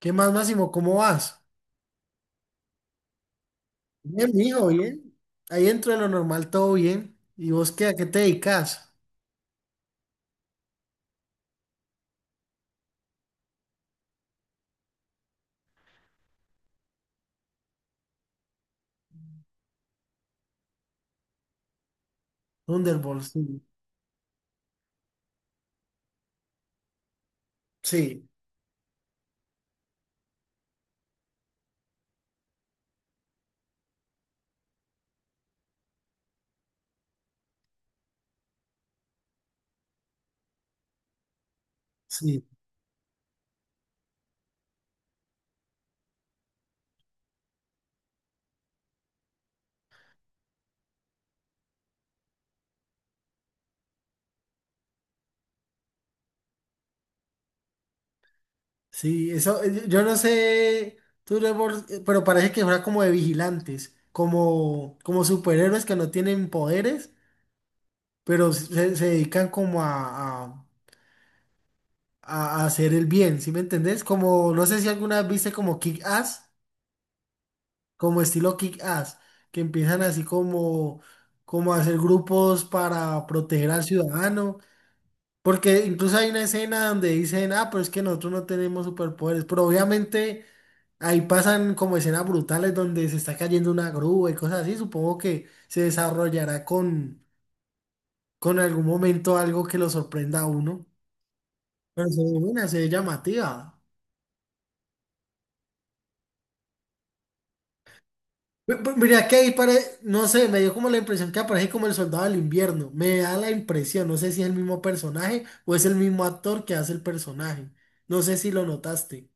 ¿Qué más, Máximo? ¿Cómo vas? Bien, mijo, bien. Ahí dentro de lo normal, todo bien. ¿Y vos qué, a qué te dedicas? Thunderbolt, sí. Sí, sí, sí. Eso, yo no sé, Thunderbolt, pero parece que fuera como de vigilantes, como, como superhéroes que no tienen poderes, pero se dedican como a hacer el bien, ¿sí me entendés? Como, no sé si alguna vez viste como Kick-Ass. Como estilo Kick-Ass, que empiezan así como, como a hacer grupos para proteger al ciudadano, porque incluso hay una escena donde dicen, ah, pero es que nosotros no tenemos superpoderes, pero obviamente ahí pasan como escenas brutales donde se está cayendo una grúa y cosas así, supongo que se desarrollará con algún momento algo que lo sorprenda a uno, pero se ve buena, se ve llamativa. Mira que ahí pare, no sé, me dio como la impresión que aparece como el soldado del invierno. Me da la impresión, no sé si es el mismo personaje o es el mismo actor que hace el personaje. No sé si lo notaste.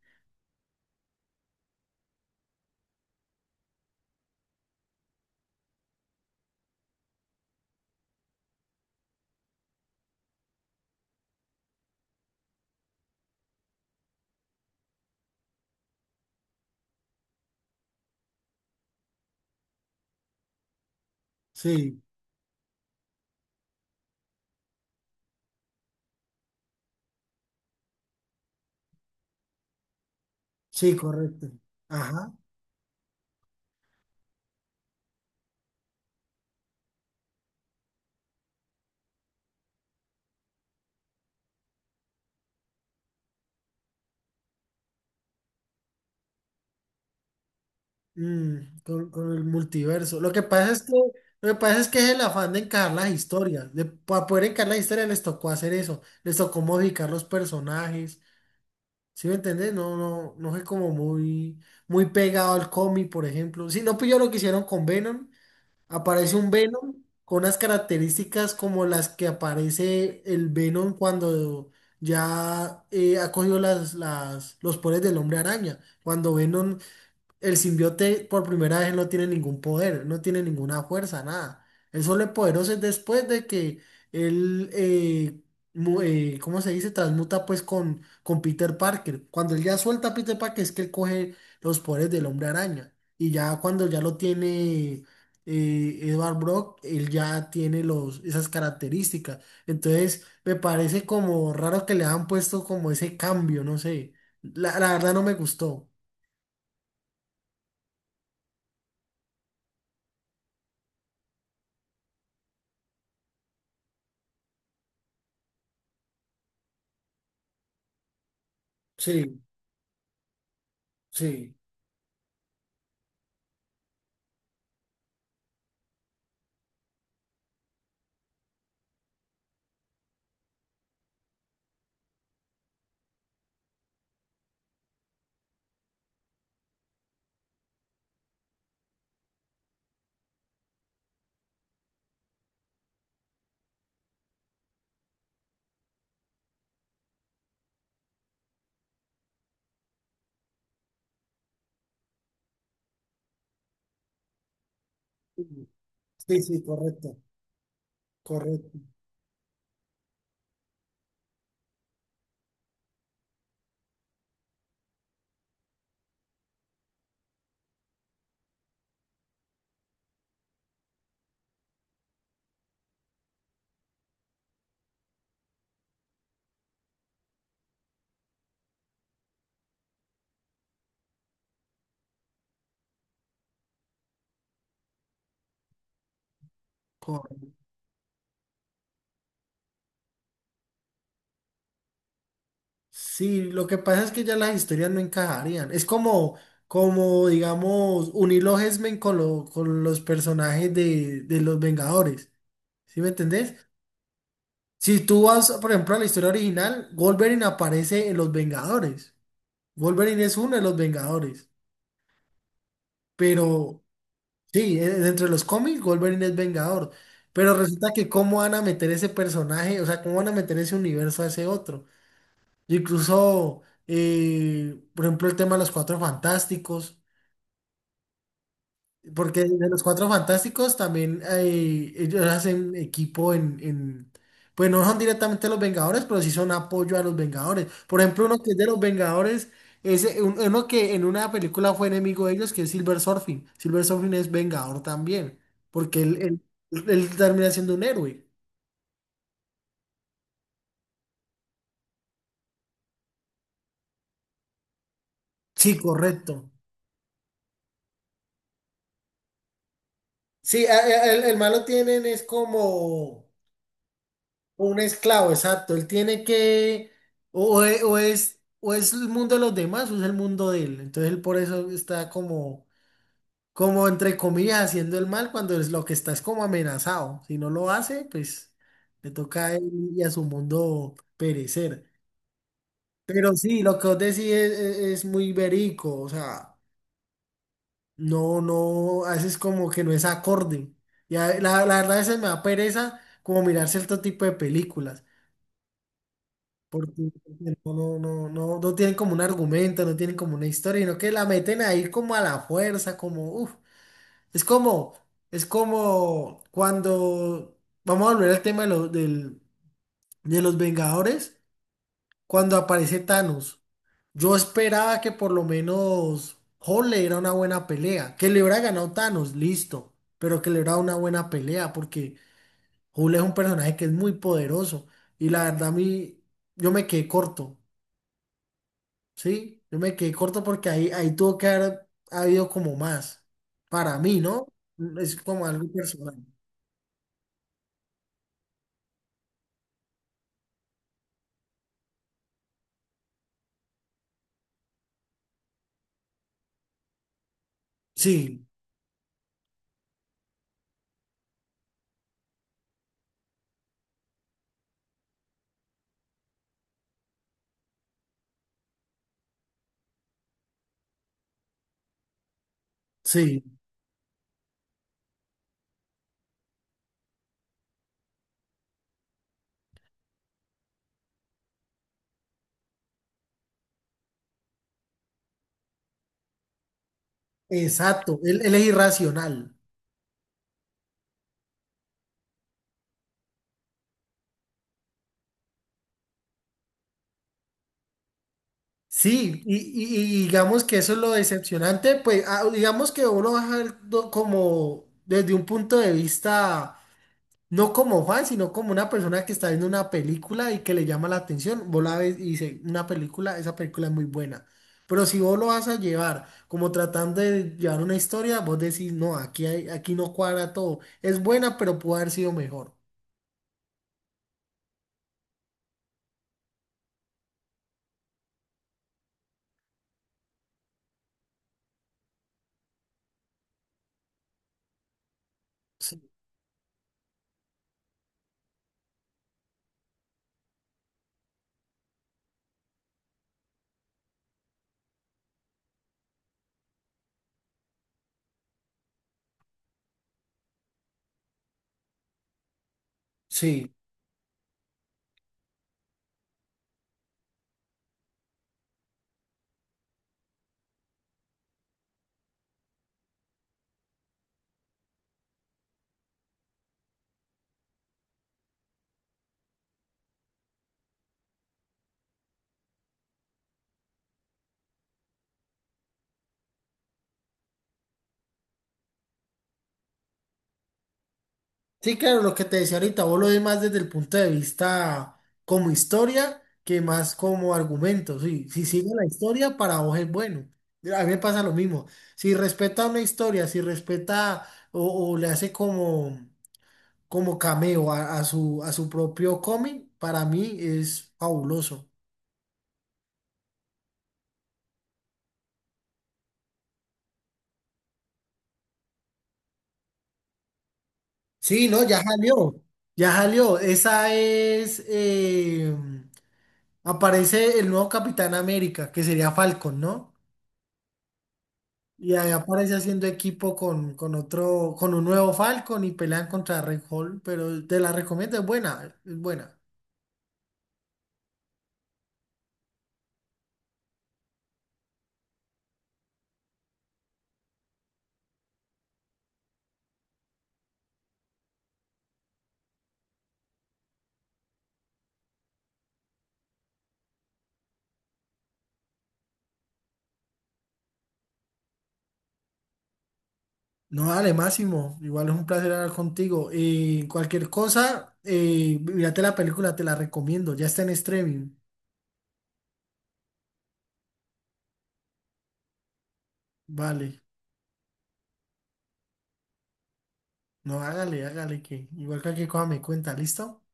Sí, sí, correcto. Ajá. Mm, con el multiverso. Lo que pasa es que es el afán de encajar las historias. De, para poder encajar las historias les tocó hacer eso. Les tocó modificar los personajes. ¿Sí me entendés? No fue como muy, muy pegado al cómic, por ejemplo. Si no pilló lo que hicieron con Venom. Aparece un Venom con unas características como las que aparece el Venom cuando ya ha cogido las, los poderes del hombre araña. Cuando Venom el simbiote por primera vez no tiene ningún poder, no tiene ninguna fuerza, nada. Él solo es poderoso es después de que él, ¿cómo se dice? Transmuta pues con Peter Parker. Cuando él ya suelta a Peter Parker es que él coge los poderes del hombre araña. Y ya cuando ya lo tiene Edward Brock, él ya tiene los, esas características. Entonces me parece como raro que le han puesto como ese cambio, no sé. La verdad no me gustó. Sí, sí. Sí, sí, correcto, correcto, correcto. Sí, lo que pasa es que ya las historias no encajarían. Es como, como digamos, unir los X-Men con, lo- con los personajes de los Vengadores. ¿Sí me entendés? Si tú vas, por ejemplo, a la historia original, Wolverine aparece en los Vengadores. Wolverine es uno de los Vengadores. Pero sí, entre los cómics, Wolverine es Vengador. Pero resulta que cómo van a meter ese personaje, o sea, cómo van a meter ese universo a ese otro. Y incluso, por ejemplo, el tema de los Cuatro Fantásticos, porque de los Cuatro Fantásticos también ellos hacen equipo en. Pues no son directamente los Vengadores, pero sí son apoyo a los Vengadores. Por ejemplo, uno que es de los Vengadores, es uno que en una película fue enemigo de ellos, que es Silver Surfing. Silver Surfing es Vengador también, porque él termina siendo un héroe. Sí, correcto. Sí, el malo tienen es como... Un esclavo, exacto. Él tiene que, o es el mundo de los demás o es el mundo de él. Entonces él por eso está como, como entre comillas haciendo el mal cuando es lo que está es como amenazado. Si no lo hace, pues le toca a él y a su mundo perecer. Pero sí, lo que vos decís es muy verico, o sea, no, no, haces como que no es acorde. Ya, la verdad a veces me da pereza como mirar cierto tipo de películas. Porque no tienen como un argumento, no tienen como una historia, sino que la meten ahí como a la fuerza, como, uff, es como, es como cuando, vamos a volver al tema de los Vengadores, cuando aparece Thanos. Yo esperaba que por lo menos Hulk le diera una buena pelea, que le hubiera ganado Thanos, listo, pero que le hubiera dado una buena pelea, porque Hulk es un personaje que es muy poderoso, y la verdad a mí, yo me quedé corto. Sí, yo me quedé corto porque ahí tuvo que haber habido como más. Para mí, ¿no? Mm, es como algo personal. Sí, sí, exacto. Él es irracional. Sí, y digamos que eso es lo decepcionante, pues ah, digamos que uno va a ver como desde un punto de vista. No como Juan, sino como una persona que está viendo una película y que le llama la atención. Vos la ves y dice, una película, esa película es muy buena. Pero si vos lo vas a llevar como tratando de llevar una historia, vos decís, no, aquí hay, aquí no cuadra todo. Es buena, pero pudo haber sido mejor. Sí. Sí. Sí, claro, lo que te decía ahorita, vos lo ves más desde el punto de vista como historia que más como argumento. Sí, si sigue la historia, para vos es bueno. A mí me pasa lo mismo. Si respeta una historia, si respeta o le hace como, como cameo a su propio cómic, para mí es fabuloso. Sí, no, ya salió. Ya salió. Esa es. Aparece el nuevo Capitán América, que sería Falcon, ¿no? Y ahí aparece haciendo equipo con otro, con un nuevo Falcon y pelean contra Red Hall, pero te la recomiendo, es buena, es buena. No, dale, Máximo, igual es un placer hablar contigo. Y cualquier cosa, mírate la película, te la recomiendo, ya está en streaming. Vale, no, hágale, hágale, que igual cualquier cosa me cuenta, ¿listo?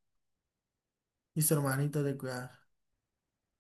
Listo, hermanito, de cuidar.